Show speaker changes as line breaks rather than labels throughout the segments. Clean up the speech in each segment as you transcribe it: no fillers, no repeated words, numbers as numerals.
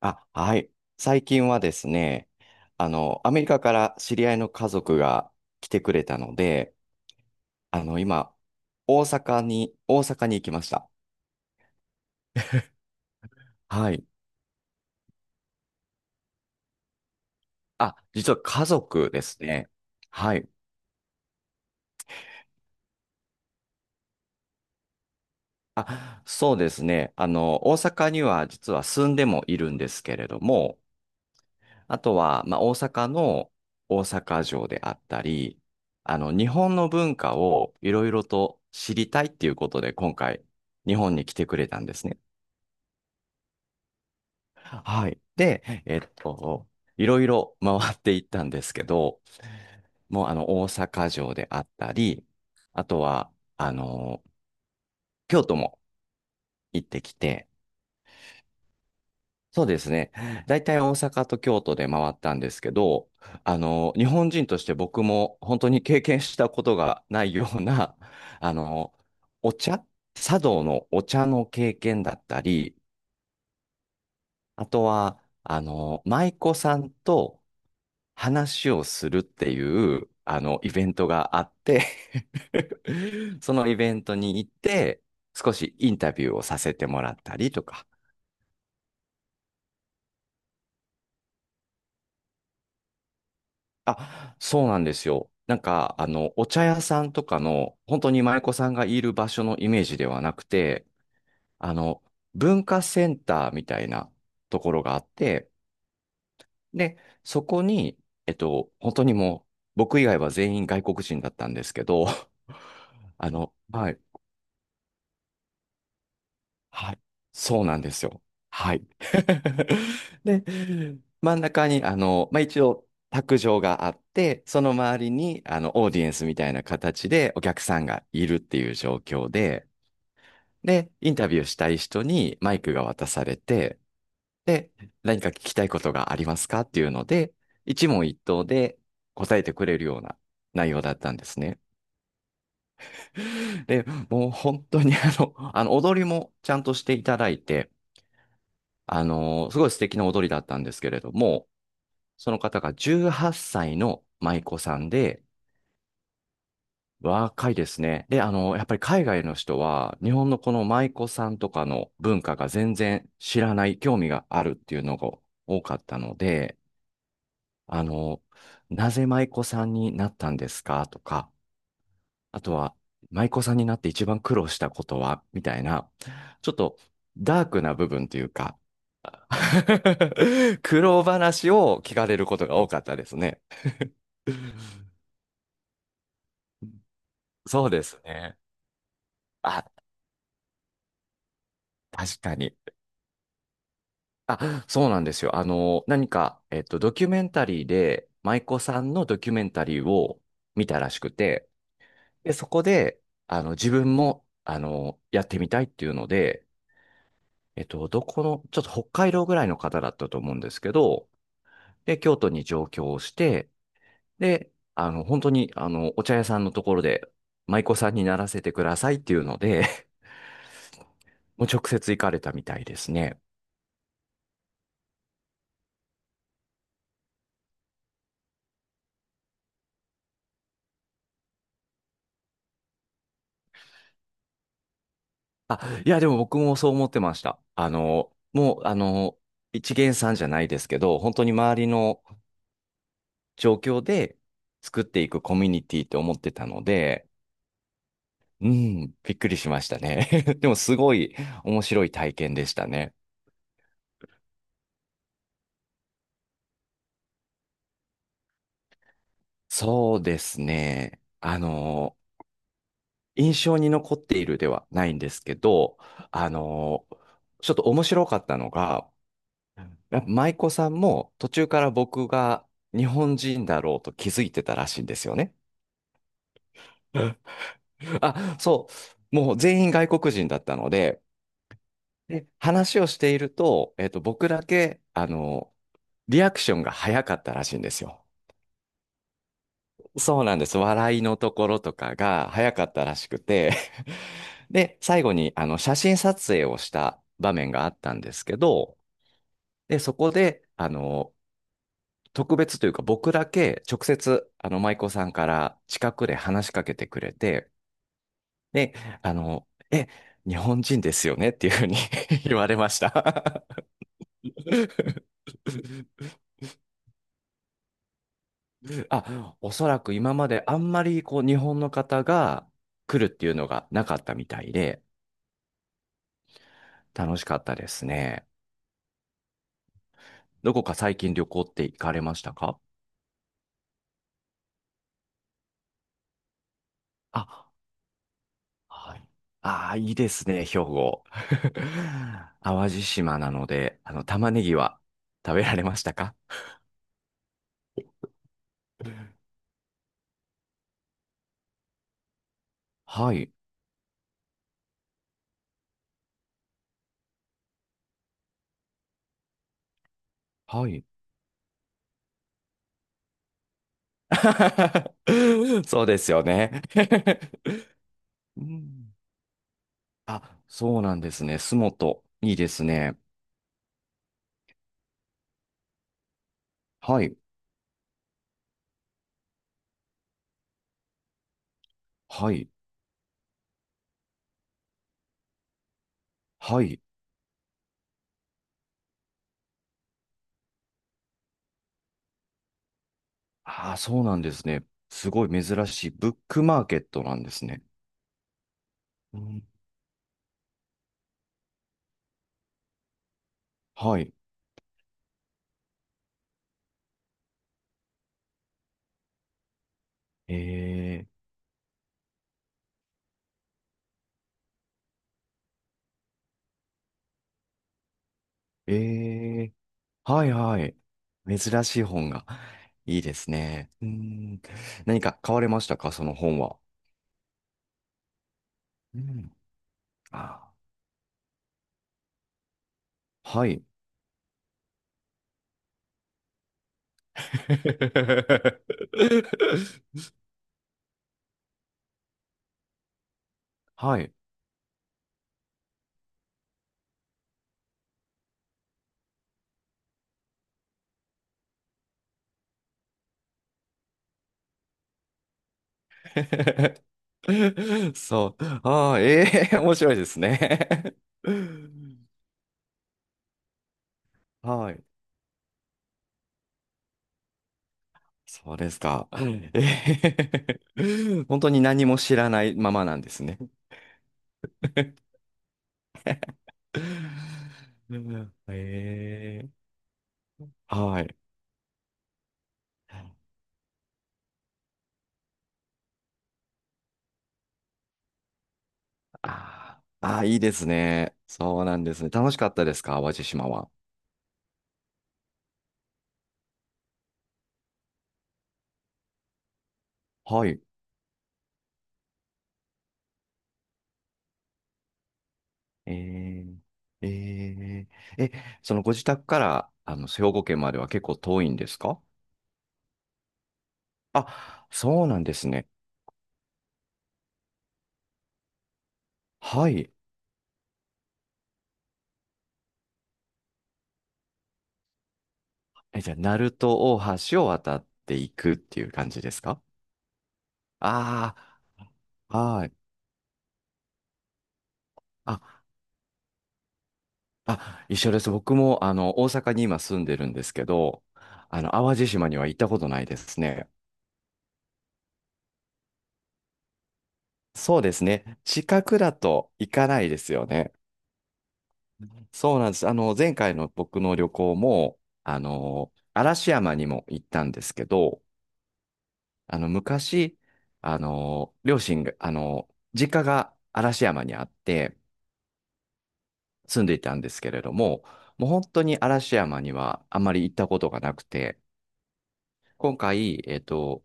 あ、はい。最近はですね、アメリカから知り合いの家族が来てくれたので、今、大阪に行きました。はい。あ、実は家族ですね。はい。あ、そうですね。大阪には実は住んでもいるんですけれども、あとは、まあ、大阪の大阪城であったり、日本の文化をいろいろと知りたいっていうことで、今回、日本に来てくれたんですね。はい。で、はい。いろいろ回っていったんですけど、もう大阪城であったり、あとは、京都も行ってきて、そうですね。大体大阪と京都で回ったんですけど、日本人として僕も本当に経験したことがないような、あの、お茶、茶道のお茶の経験だったり、あとは、舞妓さんと、話をするっていう、イベントがあって そのイベントに行って、少しインタビューをさせてもらったりとか。あ、そうなんですよ。お茶屋さんとかの、本当に舞妓さんがいる場所のイメージではなくて、あの、文化センターみたいなところがあって、で、そこに、本当にもう、僕以外は全員外国人だったんですけど、はいはい。そうなんですよ。はい。で、真ん中に、まあ、一応、卓上があって、その周りに、オーディエンスみたいな形でお客さんがいるっていう状況で、で、インタビューしたい人にマイクが渡されて、で、何か聞きたいことがありますかっていうので、一問一答で答えてくれるような内容だったんですね。で、もう本当に踊りもちゃんとしていただいて、すごい素敵な踊りだったんですけれども、その方が18歳の舞妓さんで、若いですね。で、やっぱり海外の人は、日本のこの舞妓さんとかの文化が全然知らない、興味があるっていうのが多かったので、あのーなぜ舞妓さんになったんですかとか、あとは、舞妓さんになって一番苦労したことはみたいな、ちょっとダークな部分というか、苦労話を聞かれることが多かったですね。そうですね。あ、確かに。あ、そうなんですよ。何か、ドキュメンタリーで、舞妓さんのドキュメンタリーを見たらしくて、で、そこで、自分も、やってみたいっていうので、えっと、どこの、ちょっと北海道ぐらいの方だったと思うんですけど、で、京都に上京をして、で、本当に、お茶屋さんのところで、舞妓さんにならせてくださいっていうので、もう直接行かれたみたいですね。あ、いや、でも僕もそう思ってました。もう、一見さんじゃないですけど、本当に周りの状況で作っていくコミュニティって思ってたので、うん、びっくりしましたね。でも、すごい面白い体験でしたね。そうですね。印象に残っているではないんですけど、あのーちょっと面白かったのが、やっぱ舞妓さんも途中から僕が日本人だろうと気づいてたらしいんですよね。あ、そう。もう全員外国人だったので、で、話をしていると、僕だけ、リアクションが早かったらしいんですよ。そうなんです。笑いのところとかが早かったらしくて で、最後にあの写真撮影をした場面があったんですけど、で、そこで、特別というか僕だけ直接、舞妓さんから近くで話しかけてくれて、で、あの、え、日本人ですよねっていうふうに 言われました あ、おそらく今まであんまりこう日本の方が来るっていうのがなかったみたいで、楽しかったですね。どこか最近旅行って行かれましたか？あ、はい。ああ、いいですね、兵庫。淡路島なので、玉ねぎは食べられましたか？はい、はい。そうですよね。うん。あ、そうなんですね。洲本。いいですね。はい、はい、はい。ああ、そうなんですね。すごい珍しい。ブックマーケットなんですね。うん。はい。えええ。はいはい。珍しい本が。いいですね。うん。何か買われましたか、その本は？うん。あ、はい。はい。そう。ああ、ええ、面白いですね。はい。そうですか。うん。えー。 本当に何も知らないままなんですね。うん。ええ。はい。あーあー、いいですね。そうなんですね。楽しかったですか、淡路島は？はい。えー、えー、え、そのご自宅から、兵庫県までは結構遠いんですか？あ、そうなんですね。はい。え、じゃあ、鳴門大橋を渡っていくっていう感じですか？ああ、はい。あ、あ、一緒です。僕も、大阪に今住んでるんですけど、淡路島には行ったことないですね。そうですね。近くだと行かないですよね。そうなんです。前回の僕の旅行も、嵐山にも行ったんですけど、昔、両親が、実家が嵐山にあって住んでいたんですけれども、もう本当に嵐山にはあまり行ったことがなくて、今回、えっと、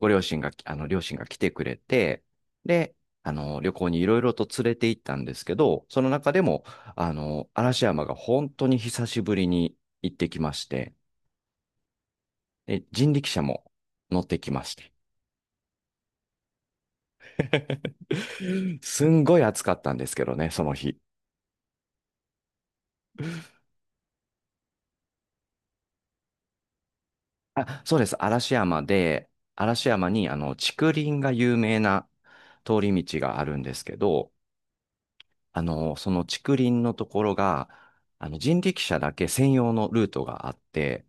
ご両親があの、両親が来てくれて、で、旅行にいろいろと連れて行ったんですけど、その中でも、嵐山が本当に久しぶりに行ってきまして、で、人力車も乗ってきまして。すんごい暑かったんですけどね、その日。あ、そうです。嵐山に、竹林が有名な通り道があるんですけど、その竹林のところが、人力車だけ専用のルートがあって、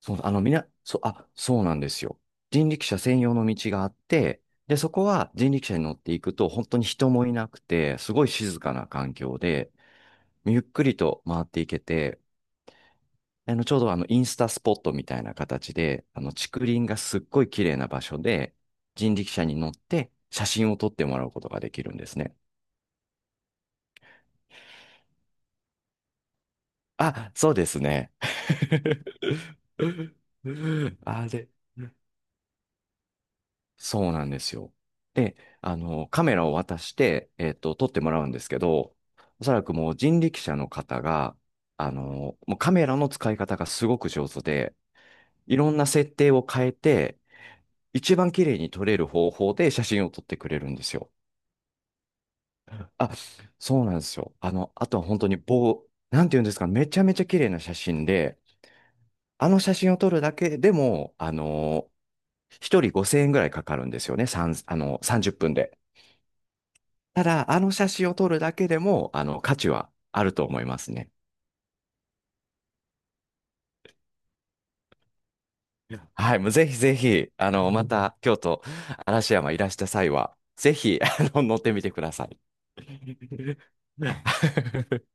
そう、そう、あ、そうなんですよ。人力車専用の道があって、で、そこは人力車に乗っていくと、本当に人もいなくて、すごい静かな環境で、ゆっくりと回っていけて、ちょうどインスタスポットみたいな形で、竹林がすっごい綺麗な場所で、人力車に乗って写真を撮ってもらうことができるんですね。あ、そうですね。あれ、そうなんですよ。で、カメラを渡して、撮ってもらうんですけど、おそらくもう人力車の方が、もうカメラの使い方がすごく上手で、いろんな設定を変えて、一番綺麗に撮れる方法で写真を撮ってくれるんですよ。あ、そうなんですよ。あとは本当になんていうんですか、めちゃめちゃ綺麗な写真で、あの写真を撮るだけでも、一人5000円ぐらいかかるんですよね。三あの、30分で。ただ、あの写真を撮るだけでも、価値はあると思いますね。はい。もうぜひぜひ、また、京都、嵐山いらした際は、ぜひ、乗ってみてください。